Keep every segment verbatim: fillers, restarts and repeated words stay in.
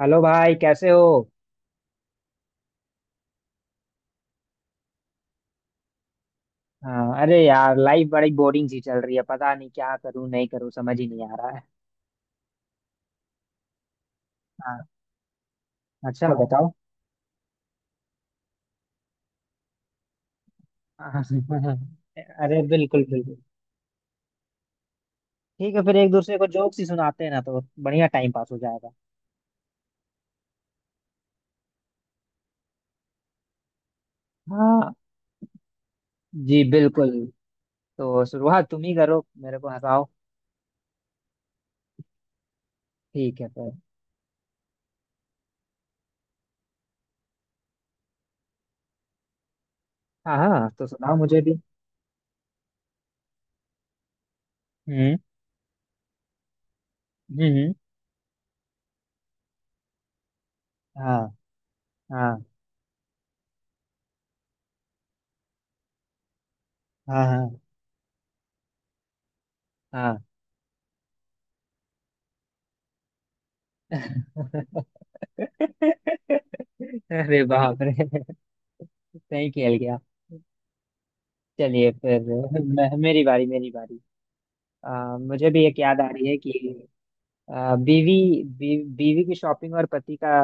Hello भाई, कैसे हो? हाँ, अरे यार, लाइफ बड़ी बोरिंग सी चल रही है। पता नहीं क्या करूं, नहीं करूं, समझ ही नहीं आ रहा है। हाँ। अच्छा, बताओ। हाँ, अरे बिल्कुल बिल्कुल। ठीक है, फिर एक दूसरे को जोक्स ही सुनाते हैं ना, तो बढ़िया टाइम पास हो जाएगा। हाँ। जी बिल्कुल। तो शुरुआत तुम ही करो, मेरे को हंसाओ। ठीक है फिर। हाँ हाँ, तो सुनाओ मुझे भी। हम्म। हम्म हम्म। हाँ। हाँ। हाँ हाँ। हाँ। अरे बाप रे। सही खेल गया। चलिए फिर। मैं, मेरी बारी मेरी बारी। आ, मुझे भी एक याद आ रही है कि आ, बीवी, बी, बीवी की शॉपिंग और पति का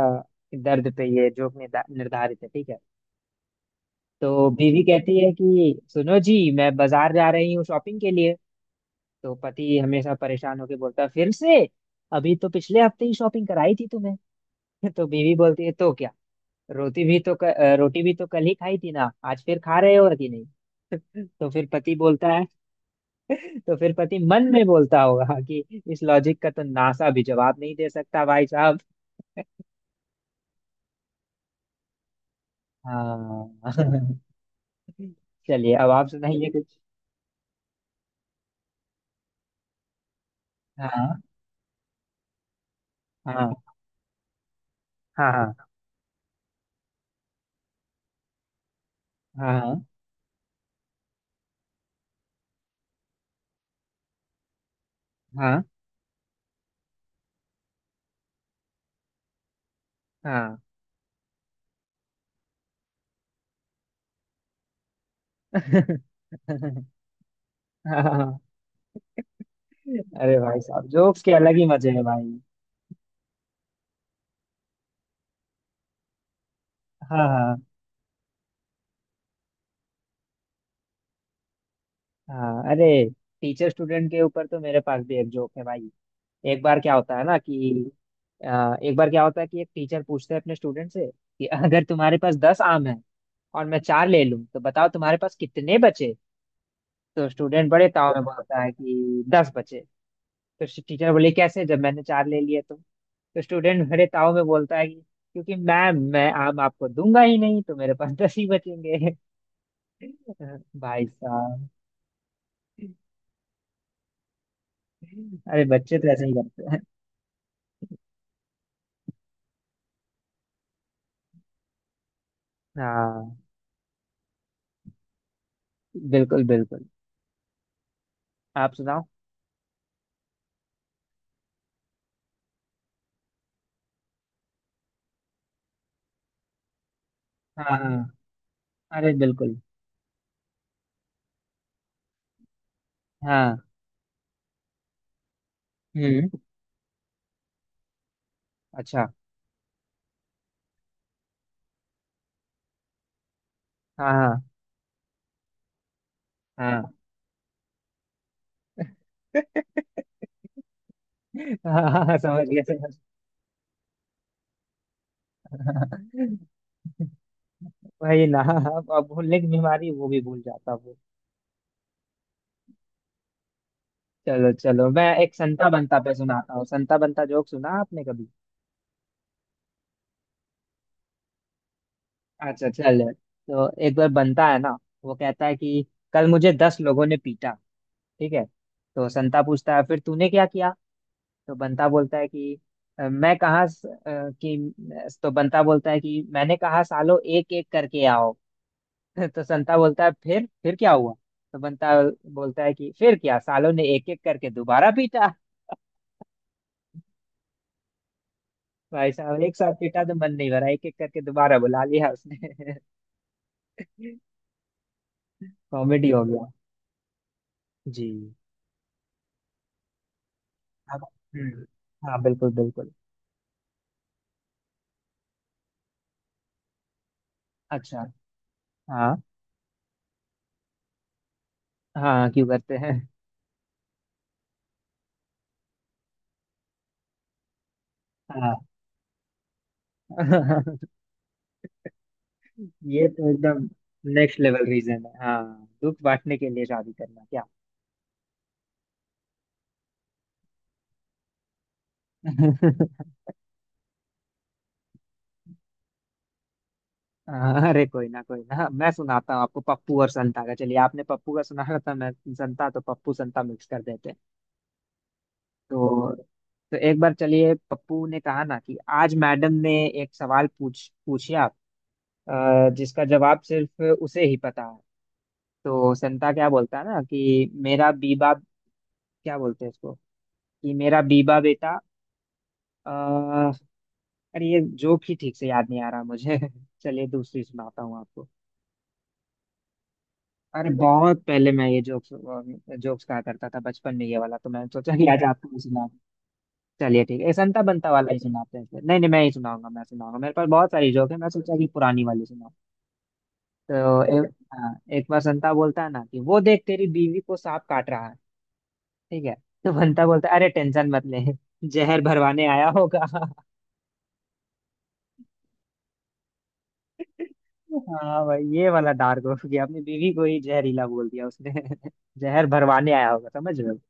दर्द पे ये जोक निर्धा- निर्धारित है। ठीक है। तो बीवी कहती है कि सुनो जी, मैं बाजार जा रही हूँ शॉपिंग के लिए। तो पति हमेशा परेशान होके बोलता है फिर से, अभी तो पिछले हफ्ते ही शॉपिंग कराई थी तुम्हें। तो बीवी बोलती है, तो क्या, रोटी भी तो क, अ, रोटी भी तो कल ही खाई थी ना, आज फिर खा रहे हो कि नहीं? तो फिर पति बोलता है, तो फिर पति मन में बोलता होगा कि इस लॉजिक का तो नासा भी जवाब नहीं दे सकता भाई साहब। हाँ। चलिए अब आप सुनाइए कुछ। हाँ हाँ। हाँ हाँ। हाँ हाँ। हाँ। हाँ। अरे भाई साहब, जोक्स के अलग ही मजे हैं भाई। हाँ हाँ। हाँ। अरे, टीचर स्टूडेंट के ऊपर तो मेरे पास भी एक जोक है भाई। एक बार क्या होता है ना कि अ, एक बार क्या होता है कि एक टीचर पूछते हैं अपने स्टूडेंट से कि अगर तुम्हारे पास दस आम है और मैं चार ले लूं तो बताओ तुम्हारे पास कितने बचे। तो स्टूडेंट बड़े ताव में बोलता है कि दस बचे। तो टीचर बोले कैसे, जब मैंने चार ले लिए? तो तो स्टूडेंट बड़े ताव में बोलता है कि क्योंकि मैम, मैं आम आपको दूंगा ही नहीं, तो मेरे पास दस ही बचेंगे। भाई साहब। अरे बच्चे तो ऐसे ही करते हैं। हाँ बिल्कुल बिल्कुल। आप सुनाओ। हाँ। अरे बिल्कुल। हाँ। हम्म। अच्छा। हाँ हाँ। हाँ हाँ। हाँ, समझ गया, समझ गया। वही ना। अब अब भूलने की बीमारी वो भी भूल जाता वो। चलो चलो, मैं एक संता बंता पे सुनाता हूँ। संता बंता जोक सुना आपने कभी? अच्छा, चलो। तो एक बार बनता है ना, वो कहता है कि कल मुझे दस लोगों ने पीटा। ठीक है। तो संता पूछता है फिर तूने क्या किया? तो बंता बोलता है कि "अ, मैं कहाँ स- अ, कि तो बंता बोलता है कि मैंने कहा सालो एक एक करके आओ। तो संता बोलता है फिर फिर क्या हुआ? तो बंता बोलता है कि फिर क्या, सालों ने एक एक करके दोबारा पीटा। भाई साहब, एक साथ पीटा तो मन नहीं भरा, एक एक करके दोबारा बुला लिया उसने। कॉमेडी हो गया। जी। अब- हम्म, हाँ बिल्कुल बिल्कुल। अच्छा। हाँ। हाँ, क्यों करते हैं? हाँ। ये तो एकदम नेक्स्ट लेवल रीजन है। हाँ, दुख बांटने के लिए शादी करना क्या। अरे कोई ना, कोई ना, मैं सुनाता हूँ आपको पप्पू और संता का। चलिए, आपने पप्पू का सुना था, मैं संता, तो पप्पू संता मिक्स कर देते हैं। तो तो एक बार, चलिए, पप्पू ने कहा ना कि आज मैडम ने एक सवाल पूछ पूछा अ, जिसका जवाब सिर्फ उसे ही पता है। तो संता क्या बोलता है ना कि मेरा बीबा, क्या बोलते हैं इसको, कि मेरा बीबा बेटा, अरे ये जोक ही ठीक से याद नहीं आ रहा मुझे। चलिए दूसरी सुनाता हूँ आपको। अरे बहुत पहले मैं ये जोक्स जोक्स कहा करता था बचपन में, ये वाला तो मैंने सोचा कि आज आपको भी सुना दूं। चलिए ठीक है, संता बनता वाला ही सुनाते हैं फिर। नहीं नहीं, मैं ही सुनाऊंगा, मैं सुनाऊंगा, मेरे पास बहुत सारी जोक है, मैं सोचा कि पुरानी वाली सुनाऊं। तो ए, हाँ, एक बार संता बोलता है ना कि वो देख तेरी बीवी को सांप काट रहा है। ठीक है। तो बंता बोलता है, अरे टेंशन मत ले, जहर भरवाने आया होगा। हाँ भाई, ये वाला डार्क हो गया, अपनी बीवी को ही जहरीला बोल दिया उसने। जहर भरवाने आया होगा, समझ रहे हो।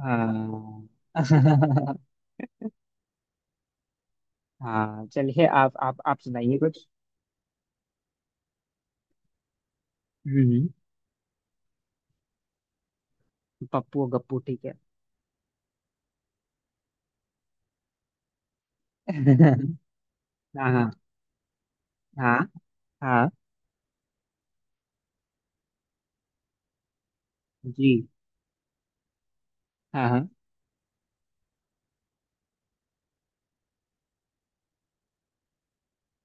हाँ। हाँ, चलिए आप आप आप सुनाइए कुछ। हम्म। पप्पू और गप्पू, ठीक है। हाँ हाँ। हाँ हाँ। जी। हाँ हाँ।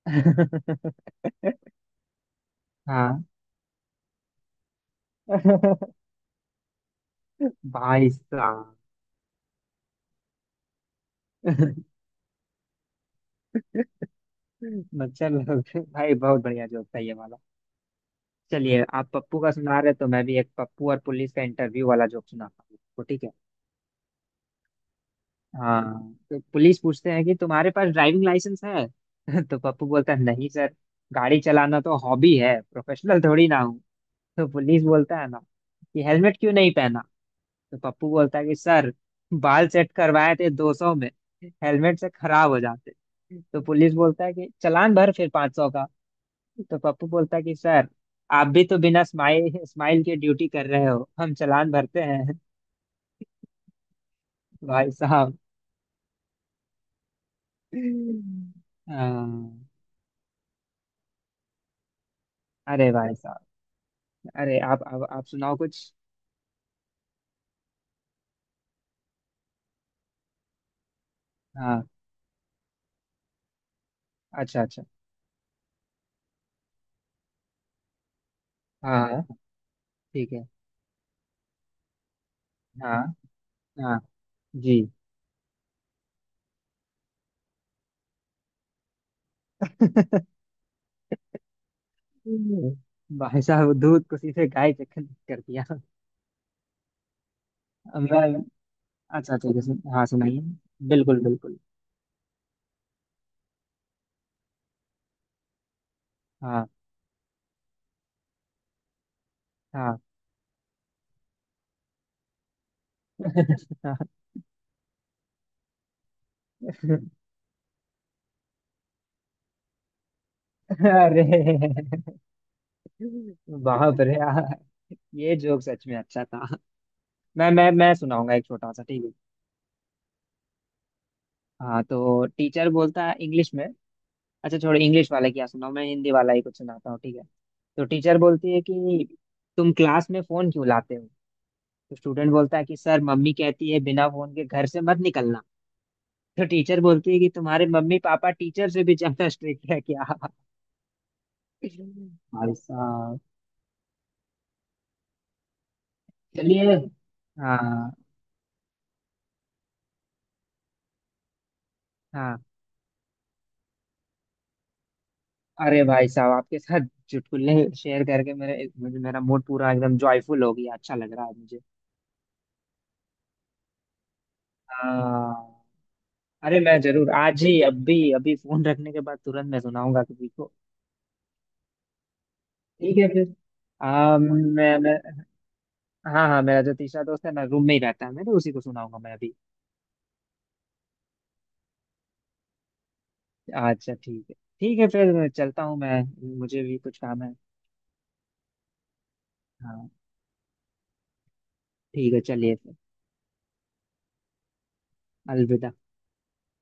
हाँ। भाई साहब। मच्छर लोग। भाई बहुत बढ़िया जोक था ये वाला। चलिए, आप पप्पू का सुना रहे, तो मैं भी एक पप्पू और पुलिस का इंटरव्यू वाला जोक सुनाता हूँ आपको, ठीक है। हाँ, तो पुलिस पूछते हैं कि तुम्हारे पास ड्राइविंग लाइसेंस है? तो पप्पू बोलता है, नहीं सर, गाड़ी चलाना तो हॉबी है, प्रोफेशनल थोड़ी ना हूँ। तो पुलिस बोलता है ना कि हेलमेट क्यों नहीं पहना? तो पप्पू बोलता है कि सर, बाल सेट करवाए थे दो सौ में, हेलमेट से खराब हो जाते। तो पुलिस बोलता है कि चालान भर फिर पाँच सौ का। तो पप्पू बोलता है कि सर, आप भी तो बिना स्माइल स्माइल के ड्यूटी कर रहे हो, हम चालान भरते हैं। भाई साहब। हाँ। अरे भाई साहब, अरे आप आप, आप सुनाओ कुछ। हाँ। अच्छा अच्छा। हाँ। ठीक है। हाँ। हाँ। जी। हम्म। भाई साहब दूध को सीधे गाय के खंड कर दिया। अब मैं... अच्छा ठीक है, सुन- हाँ, सुनाइए। बिल्कुल बिल्कुल। हाँ। हाँ। अरे बाप रे यार, ये जोक सच में अच्छा था। मैं मैं मैं सुनाऊंगा एक छोटा सा, ठीक है। हाँ, तो टीचर बोलता है इंग्लिश में, अच्छा छोड़ो, इंग्लिश वाला क्या सुनाऊं, मैं हिंदी वाला ही कुछ सुनाता हूँ, ठीक है। तो टीचर बोलती है कि तुम क्लास में फोन क्यों लाते हो? तो स्टूडेंट बोलता है कि सर, मम्मी कहती है बिना फोन के घर से मत निकलना। तो टीचर बोलती है कि तुम्हारे मम्मी पापा टीचर से भी ज्यादा स्ट्रिक्ट है क्या? भाई साहब। चलिए। हाँ हाँ। अरे भाई साहब, आपके साथ चुटकुले शेयर करके मेरे मुझे, मेरा मूड पूरा एकदम जॉयफुल हो गया, अच्छा लग रहा है मुझे। हाँ। अरे, मैं जरूर आज ही अभी अभी फोन रखने के बाद तुरंत मैं सुनाऊंगा किसी को। ठीक है फिर। आ, मैं, मैं हाँ हाँ, मेरा जो तीसरा दोस्त है ना, रूम में ही रहता है, मैं तो उसी को सुनाऊंगा मैं अभी। अच्छा ठीक है, ठीक है फिर, चलता हूँ मैं, मुझे भी कुछ काम है। हाँ। ठीक है, चलिए फिर। अलविदा।